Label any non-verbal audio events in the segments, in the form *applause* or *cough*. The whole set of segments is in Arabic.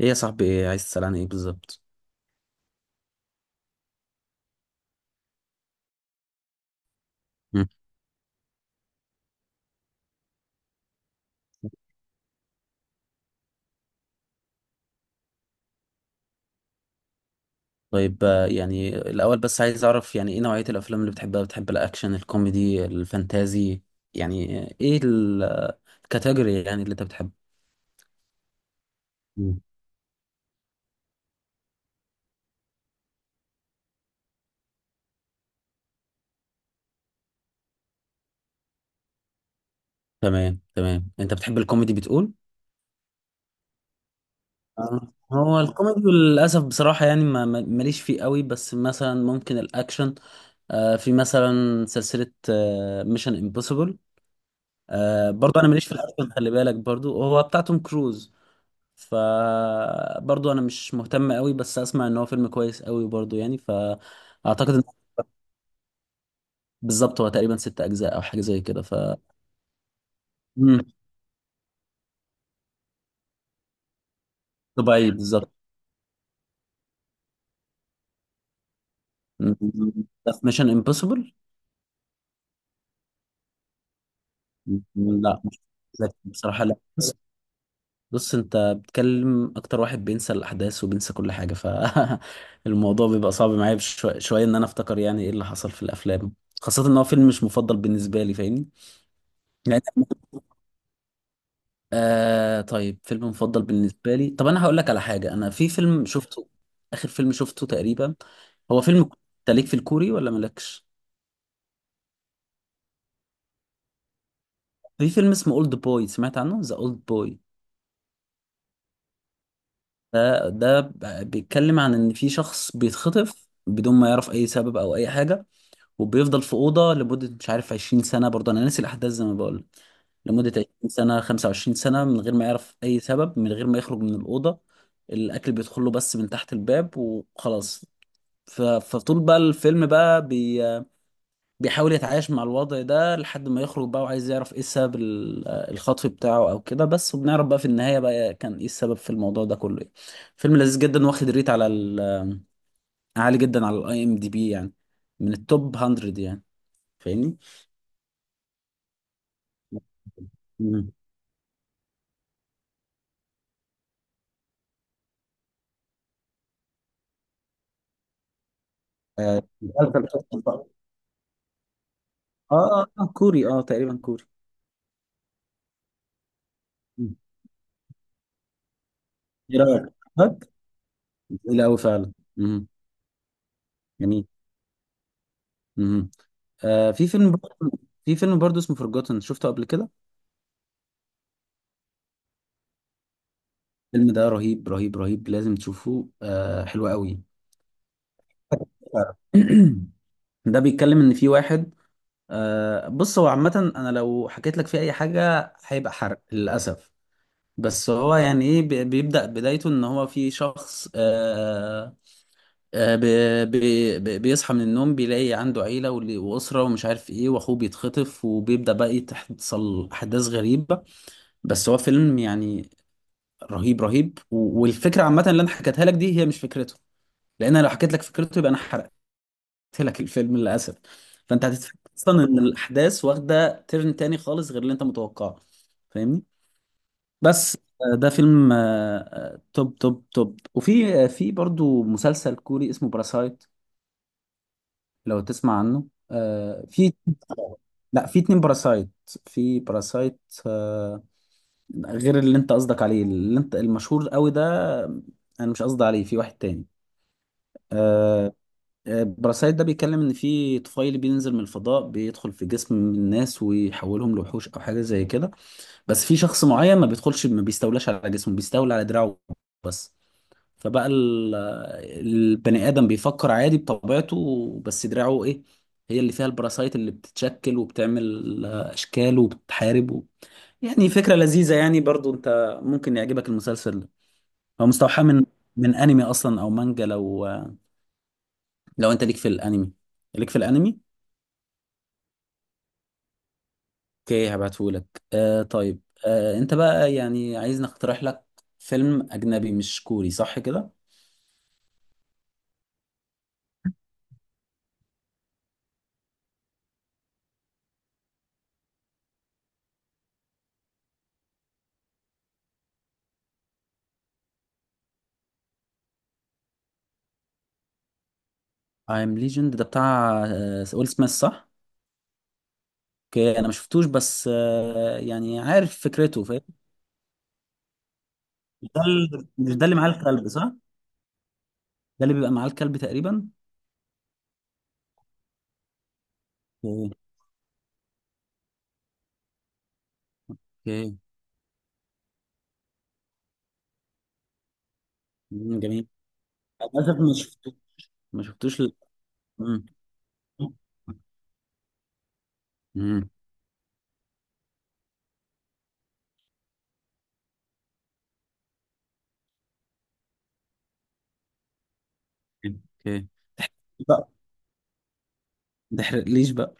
ايه يا صاحبي، إيه عايز تسأل عن ايه بالظبط؟ مم. طيب يعني الاول بس عايز اعرف يعني ايه نوعية الافلام اللي بتحبها؟ بتحب الاكشن، الكوميدي، الفانتازي؟ يعني ايه الكاتيجوري يعني اللي انت بتحبه؟ مم. تمام تمام، انت بتحب الكوميدي بتقول؟ آه. هو الكوميدي للاسف بصراحة يعني ماليش فيه قوي، بس مثلا ممكن الاكشن. في مثلا سلسلة ميشن امبوسيبل. برضه انا ماليش في الاكشن، خلي بالك، برضه هو بتاع توم كروز، فبرضه انا مش مهتم قوي، بس اسمع ان هو فيلم كويس قوي برضه، يعني فاعتقد ان بالظبط هو تقريبا ست اجزاء او حاجه زي كده. ف مم. دبي بالظبط. مم. ده في ميشن امبوسيبل. لا مش. لا، بصراحه لا. بص، بص، انت بتكلم اكتر واحد بينسى الاحداث وبينسى كل حاجه، فالموضوع *laughs* بيبقى صعب معايا شويه ان انا افتكر يعني ايه اللي حصل في الافلام، خاصه ان هو فيلم مش مفضل بالنسبه لي، فاهمني. يعني طيب، فيلم مفضل بالنسبة لي، طب أنا هقول لك على حاجة، أنا في فيلم شفته، آخر فيلم شفته تقريبا هو فيلم أنت ليك في الكوري ولا مالكش؟ في فيلم اسمه أولد بوي، سمعت عنه؟ ذا أولد بوي. ده بيتكلم عن إن في شخص بيتخطف بدون ما يعرف أي سبب أو أي حاجة، وبيفضل في أوضة لمدة مش عارف 20 سنة، برضه أنا ناسي الأحداث زي ما بقول لك. لمدة 20 سنة، 25 سنة، من غير ما يعرف أي سبب، من غير ما يخرج من الأوضة، الأكل بيدخله بس من تحت الباب وخلاص. فطول بقى الفيلم بقى بيحاول يتعايش مع الوضع ده لحد ما يخرج بقى، وعايز يعرف ايه سبب الخطف بتاعه او كده، بس وبنعرف بقى في النهاية بقى كان ايه السبب في الموضوع ده كله يعني. فيلم لذيذ جدا، واخد ريت على عالي جدا على الاي ام دي بي يعني، من التوب 100 يعني. فاهمني؟ مم. مسلسل قصة بقى. اه. اه، كوري، اه تقريبا كوري. مم. ايه رأيك؟ عجبك؟ جميل قوي فعلا. مم. جميل. مم. في فيلم برضه، في فيلم برضه اسمه فورجوتن، شفته قبل كده؟ الفيلم ده رهيب رهيب رهيب، لازم تشوفه، آه حلو قوي. *clears throat* ده بيتكلم ان في واحد، بص هو عامة انا لو حكيت لك فيه اي حاجة هيبقى حرق للأسف، بس هو يعني ايه بيبدأ بدايته ان هو في شخص، بيصحى من النوم، بيلاقي عنده عيلة وأسرة ومش عارف ايه، واخوه بيتخطف، وبيبدأ بقى تحصل احداث غريبة. بس هو فيلم يعني رهيب رهيب، والفكرة عامة اللي انا حكيتها لك دي هي مش فكرته، لان انا لو حكيت لك فكرته يبقى انا حرقت لك الفيلم للاسف. فانت هتتفاجئ اصلا ان الاحداث واخده ترن تاني خالص غير اللي انت متوقعه، فاهمني. بس ده فيلم توب توب توب. وفي في برضو مسلسل كوري اسمه باراسايت، لو تسمع عنه. آه، في لا، في اتنين باراسايت. في باراسايت آه، غير اللي انت قصدك عليه، اللي انت المشهور قوي ده، آه، انا مش قصدي عليه، في واحد تاني آه، براسايت ده، بيتكلم ان في طفيلي بينزل من الفضاء، بيدخل في جسم الناس ويحولهم لوحوش او حاجه زي كده، بس في شخص معين ما بيدخلش، ما بيستولاش على جسمه، بيستولى على دراعه بس. فبقى ال- البني ادم بيفكر عادي بطبيعته، بس دراعه ايه، هي اللي فيها البراسايت اللي بتتشكل وبتعمل اشكال وبتحارب و... يعني فكره لذيذه، يعني برضو انت ممكن يعجبك المسلسل ده. هو مستوحى من من انمي اصلا او مانجا، لو لو انت ليك في الانمي، ليك في الانمي. اوكي هبعتهولك. طيب، انت بقى يعني عايز نقترح لك فيلم اجنبي مش كوري صح كده. I'm Legend ده بتاع ويل سميث، صح؟ اوكي انا ما شفتوش، بس يعني عارف فكرته، فاهم. مش ده اللي معاه الكلب صح؟ ده اللي بيبقى معاه الكلب تقريبا. اوكي. اوكي. مم، جميل. للاسف ما شفتوش، ما شفتوش ال... مم. مم. اوكي. ما تحرقليش بقى.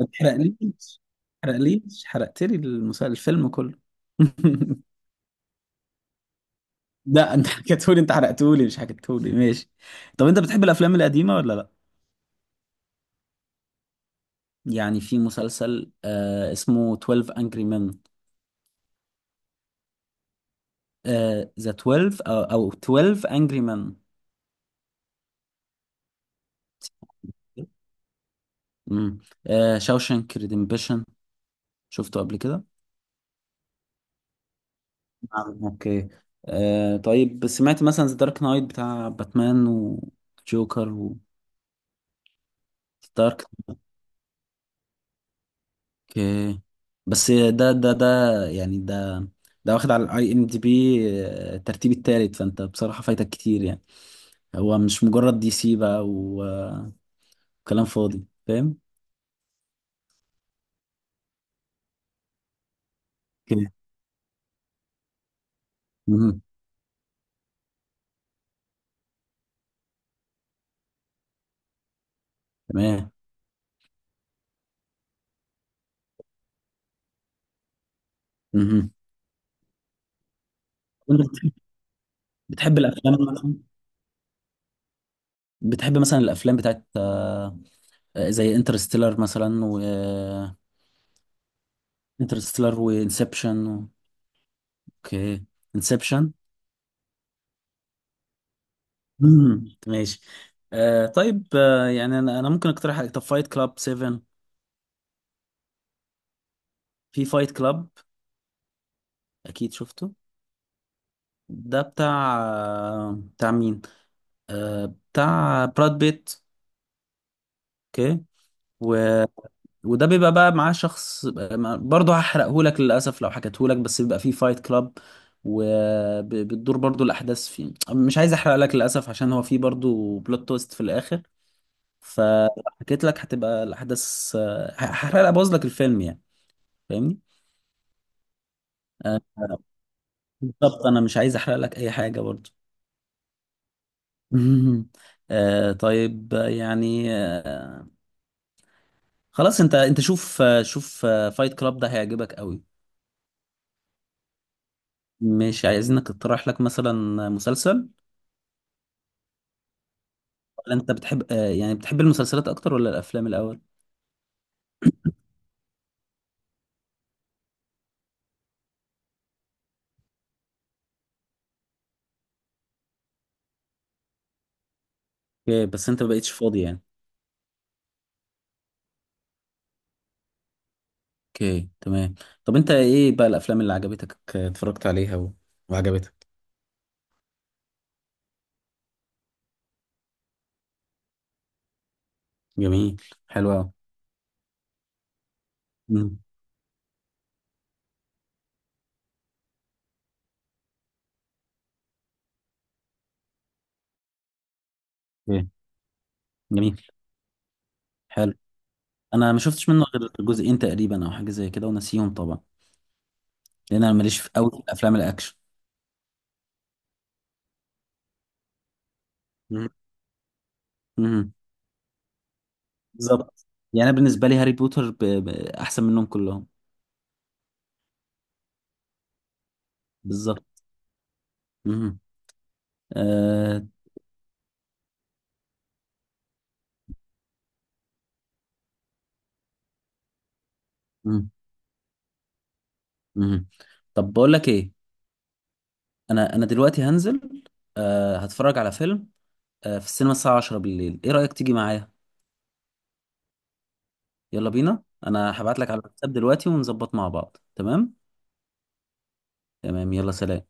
ما تحرقليش، ما تحرقليش، حرقت لي المسل... الفيلم كله. *laughs* لا انت حكيتهولي، انت حرقتهولي مش حكيتهولي، ماشي. طب انت بتحب الافلام القديمه ولا لا؟ يعني في مسلسل اسمه 12 Angry Men. ذا 12، او او 12 Angry Men. امم، شاوشانك ريديمبشن، شفته قبل كده؟ نعم، اوكي. طيب سمعت مثلا ذا دارك نايت بتاع باتمان وجوكر و دارك؟ اوكي بس ده يعني ده، ده واخد على الاي ام دي بي الترتيب التالت، فانت بصراحة فايتك كتير يعني. هو مش مجرد دي سي بقى وكلام فاضي، فاهم. اوكي. مهم. تمام. مهم. وانت بتحب، بتحب الافلام مثلا، بتحب مثلا الافلام بتاعت زي انترستيلر مثلا و انترستيلر وانسبشن. اوكي. انسبشن. ماشي. طيب، يعني انا، انا ممكن اقترح عليك- طب فايت كلاب 7. في فايت كلاب، اكيد شفته. ده بتاع، بتاع مين؟ آه، بتاع براد بيت. اوكي. و... وده بيبقى بقى معاه شخص، برضه هحرقهولك للاسف لو حكيتهولك، بس بيبقى فيه فايت كلاب، وبتدور برضه الاحداث فيه، مش عايز احرق لك للاسف عشان هو فيه برضه بلوت تويست في الاخر، فحكيت لك هتبقى الاحداث هحرق ابوظ لك الفيلم يعني، فاهمني. آه، بالظبط، انا مش عايز احرق لك اي حاجه برضه. مهم. طيب خلاص، انت انت شوف شوف فايت كلاب ده هيعجبك قوي. مش عايزينك اقترح لك مثلا مسلسل؟ ولا انت بتحب يعني بتحب المسلسلات اكتر ولا الافلام الاول؟ اوكي، بس انت ما بقيتش فاضي يعني. اوكي تمام. طب انت ايه بقى الافلام اللي عجبتك اتفرجت عليها و... وعجبتك؟ جميل. حلو قوي. مم. اوكي. جميل. حلو. انا ما شفتش منه غير جزئين تقريبا او حاجه زي كده، وناسيهم طبعا. لان انا ماليش في قوي في الافلام الاكشن. مم. مم. بالظبط. يعني انا بالنسبه لي هاري بوتر ب... ب... احسن منهم كلهم. بالظبط. مهم. آه... مهم. مهم. طب بقول لك ايه، انا انا دلوقتي هنزل آه... هتفرج على فيلم آه... في السينما الساعه 10 بالليل، ايه رايك تيجي معايا؟ يلا بينا. انا هبعت لك على الواتساب دلوقتي ونظبط مع بعض، تمام. تمام. يلا سلام.